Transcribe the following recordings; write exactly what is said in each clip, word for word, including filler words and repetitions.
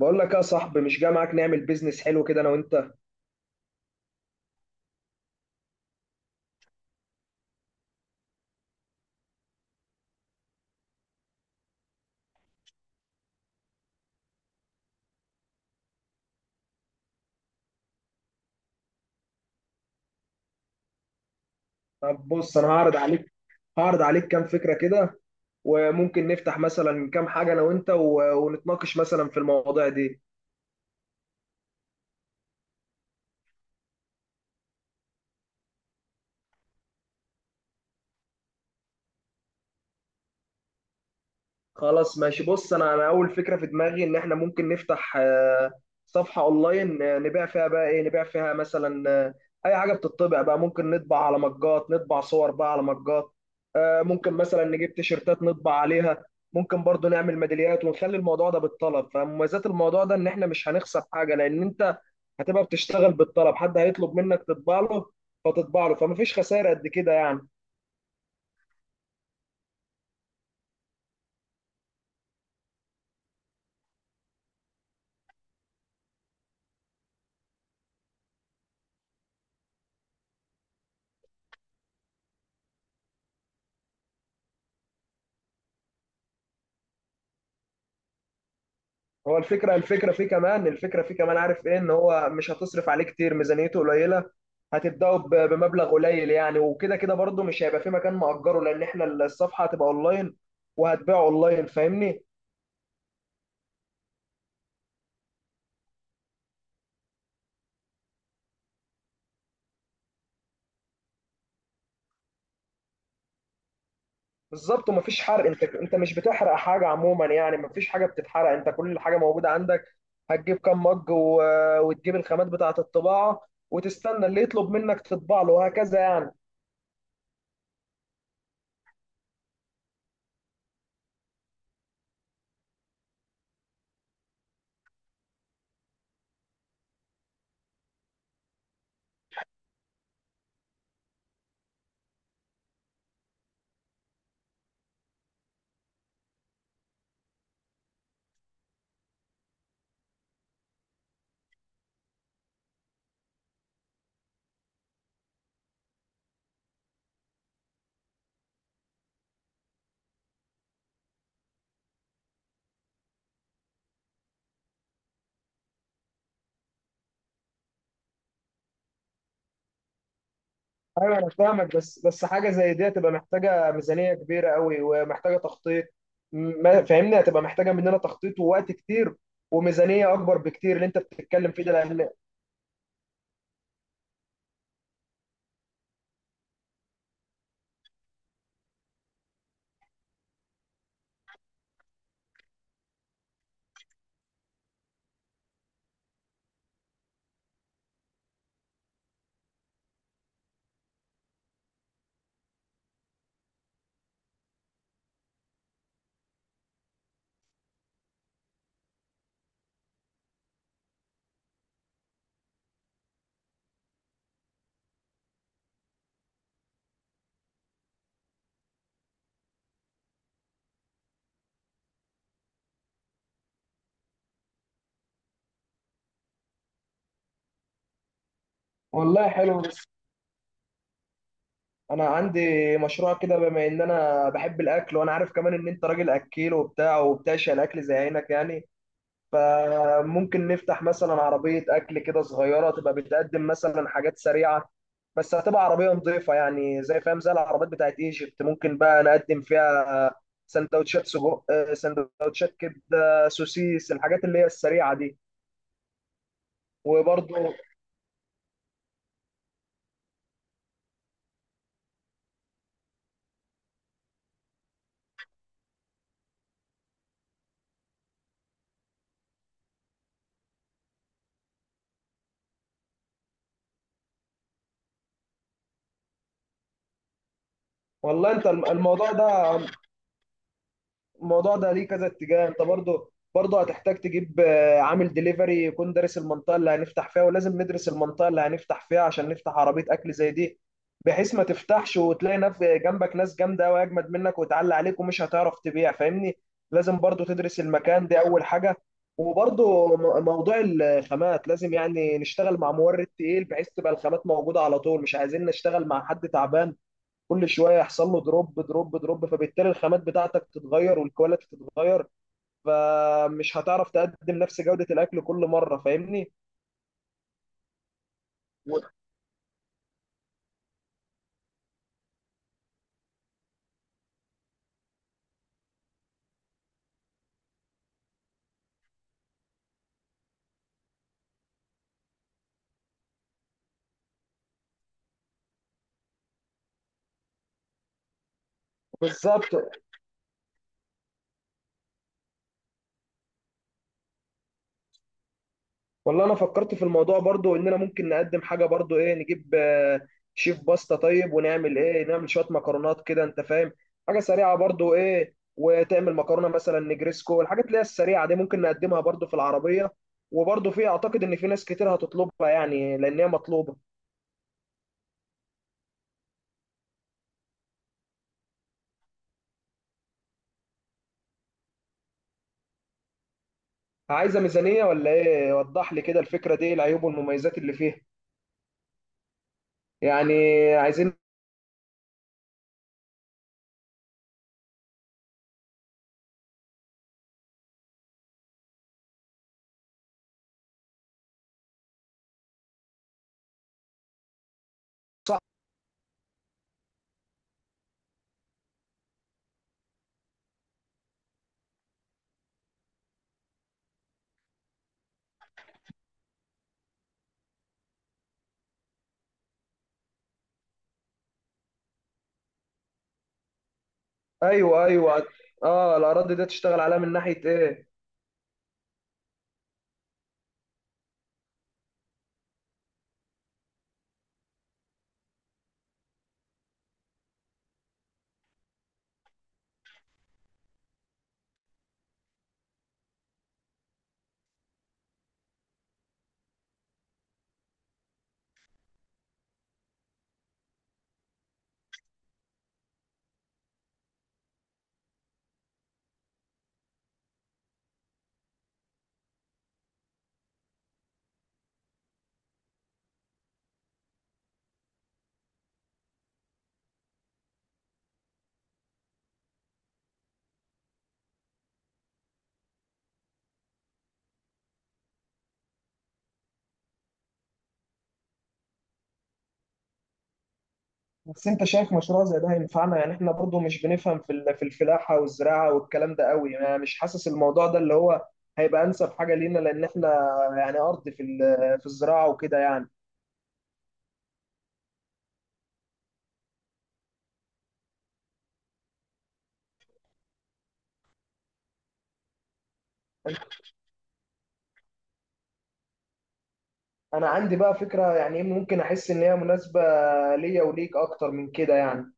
بقول لك يا صاحبي مش جاي معاك نعمل بيزنس حلو كده انا وانت. طب بص، انا هعرض عليك هعرض عليك كام فكره كده. وممكن نفتح مثلا كام حاجه انا وانت و... ونتناقش مثلا في المواضيع دي. خلاص ماشي، بص انا انا اول فكره في دماغي ان احنا ممكن نفتح آه، صفحه اونلاين. آه، نبيع فيها بقى ايه؟ نبيع فيها مثلا آه، اي حاجه بتطبع بقى. ممكن نطبع على مجات، نطبع صور بقى على مجات. آه، ممكن مثلا نجيب تيشرتات نطبع عليها. ممكن برضو نعمل ميداليات ونخلي الموضوع ده بالطلب. فمميزات الموضوع ده ان احنا مش هنخسر حاجه، لان انت هتبقى بتشتغل بالطلب، حد هيطلب منك تطبع له فتطبع له، فمفيش خسائر قد كده يعني. هو الفكرة الفكرة فيه كمان الفكرة فيه كمان عارف ايه، ان هو مش هتصرف عليه كتير، ميزانيته قليلة. هتبدأوا ب- بمبلغ قليل يعني. وكده كده برضه مش هيبقى في مكان مأجره، لان احنا الصفحة هتبقى اونلاين وهتبيع اونلاين، فاهمني؟ بالظبط، ومفيش حرق. انت انت مش بتحرق حاجة عموما يعني، مفيش حاجة بتتحرق، انت كل حاجة موجودة عندك. هتجيب كام مج و... وتجيب الخامات بتاعة الطباعة وتستنى اللي يطلب منك تطبع له وهكذا يعني. ايوه، انا فاهمك، بس بس حاجه زي دي هتبقى محتاجه ميزانيه كبيره قوي ومحتاجه تخطيط. م- ما فاهمني، هتبقى محتاجه مننا تخطيط ووقت كتير وميزانيه اكبر بكتير اللي انت بتتكلم فيه ده، لان... والله حلو. بس انا عندي مشروع كده، بما ان انا بحب الاكل وانا عارف كمان ان انت راجل اكيل وبتاع وبتعشق الاكل زي عينك يعني. فممكن نفتح مثلا عربية أكل كده صغيرة، تبقى بتقدم مثلا حاجات سريعة. بس هتبقى عربية نظيفة يعني، زي فاهم، زي العربيات بتاعت ايجيبت. ممكن بقى نقدم فيها سندوتشات سجق، آه، سندوتشات كبدة، سوسيس، الحاجات اللي هي السريعة دي. وبرضه والله انت الم- الموضوع ده. الموضوع ده ليه كذا اتجاه. انت برضه برضه هتحتاج تجيب آه، عامل دليفري يكون دارس المنطقه اللي هنفتح فيها، ولازم ندرس المنطقه اللي هنفتح فيها عشان نفتح عربيه اكل زي دي، بحيث ما تفتحش وتلاقي نف جنبك ناس جامده واجمد منك وتعلي عليك ومش هتعرف تبيع، فاهمني؟ لازم برضه تدرس المكان دي اول حاجه. وبرضه م- موضوع الخامات لازم يعني نشتغل مع مورد تقيل، بحيث تبقى الخامات موجوده على طول. مش عايزين نشتغل مع حد تعبان كل شويه يحصل له دروب دروب دروب، فبالتالي الخامات بتاعتك تتغير والكواليتي تتغير، فمش هتعرف تقدم نفس جوده الاكل كل مره، فاهمني؟ و- بالظبط. والله انا فكرت في الموضوع برضو، اننا ممكن نقدم حاجه برضو ايه، نجيب آه، شيف باستا طيب، ونعمل ايه، نعمل شويه مكرونات كده، انت فاهم، حاجه سريعه برضو ايه. وتعمل مكرونه مثلا نجريسكو، الحاجات اللي هي السريعه دي ممكن نقدمها برضو في العربيه. وبرضو في اعتقد ان في ناس كتير هتطلبها يعني، لان هي مطلوبه. عايزة ميزانية ولا ايه؟ وضح لي كده الفكرة دي إيه العيوب والمميزات اللي فيها. يعني عايزين صح. ايوه ايوه. اه، الاراضي ده تشتغل عليها من ناحية ايه؟ بس انت شايف مشروع زي ده هينفعنا؟ يعني احنا برضو مش بنفهم في ال- في الفلاحة والزراعة والكلام ده قوي يعني. مش حاسس الموضوع ده اللي هو هيبقى انسب حاجة لينا، لان احنا يعني ارض في ال- في الزراعة وكده يعني. انا عندي بقى فكرة يعني إيه، ممكن احس ان هي مناسبة ليا وليك اكتر من كده يعني.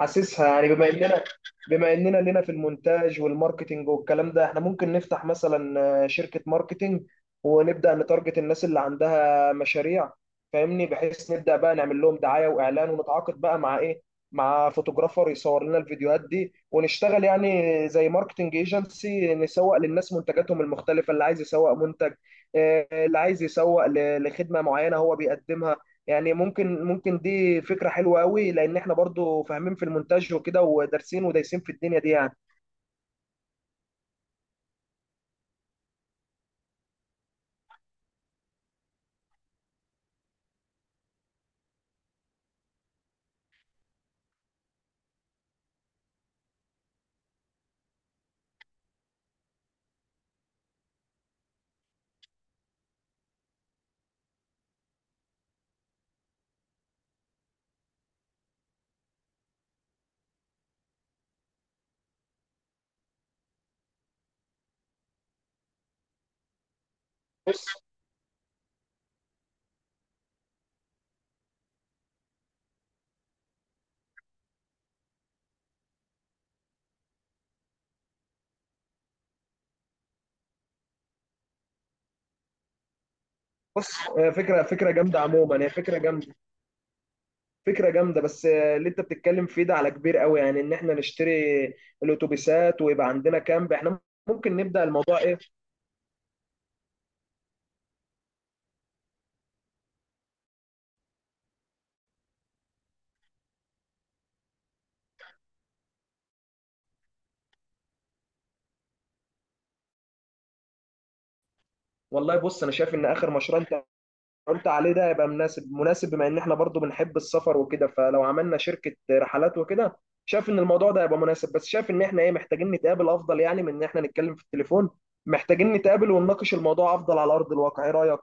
حاسسها يعني، بما اننا بما اننا لنا في المونتاج والماركتينج والكلام ده، احنا ممكن نفتح مثلا آه، شركة ماركتينج ونبدأ نتارجت الناس اللي عندها مشاريع، فاهمني؟ بحيث نبدأ بقى نعمل لهم دعاية واعلان، ونتعاقد بقى مع ايه، مع فوتوغرافر يصور لنا الفيديوهات دي، ونشتغل يعني زي ماركتينج ايجنسي، نسوق للناس منتجاتهم المختلفة، اللي عايز يسوق منتج، آه، اللي عايز يسوق ل- لخدمة معينة هو بيقدمها. يعني ممكن ممكن دي فكرة حلوة قوي، لأن احنا برضو فاهمين في المونتاج وكده ودارسين ودايسين في الدنيا دي يعني. بص. بص، آه، فكرة فكرة جامدة عموما، هي فكرة جامدة، فكرة جامدة. بس آه، اللي انت بتتكلم فيه ده على كبير قوي يعني، ان احنا نشتري الاتوبيسات ويبقى عندنا كامب احنا. ممكن نبدأ الموضوع ايه. والله بص، انا شايف ان اخر مشروع انت قلت عليه ده هيبقى مناسب مناسب، بما ان احنا برضو بنحب السفر وكده، فلو عملنا شركة رحلات وكده شايف ان الموضوع ده هيبقى مناسب. بس شايف ان احنا ايه، محتاجين نتقابل افضل، يعني من ان احنا نتكلم في التليفون محتاجين نتقابل ونناقش الموضوع افضل على ارض الواقع. ايه رأيك؟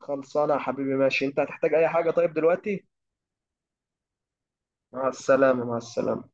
خلصانة يا حبيبي. ماشي، انت هتحتاج اي حاجة طيب دلوقتي؟ مع السلامة، مع السلامة.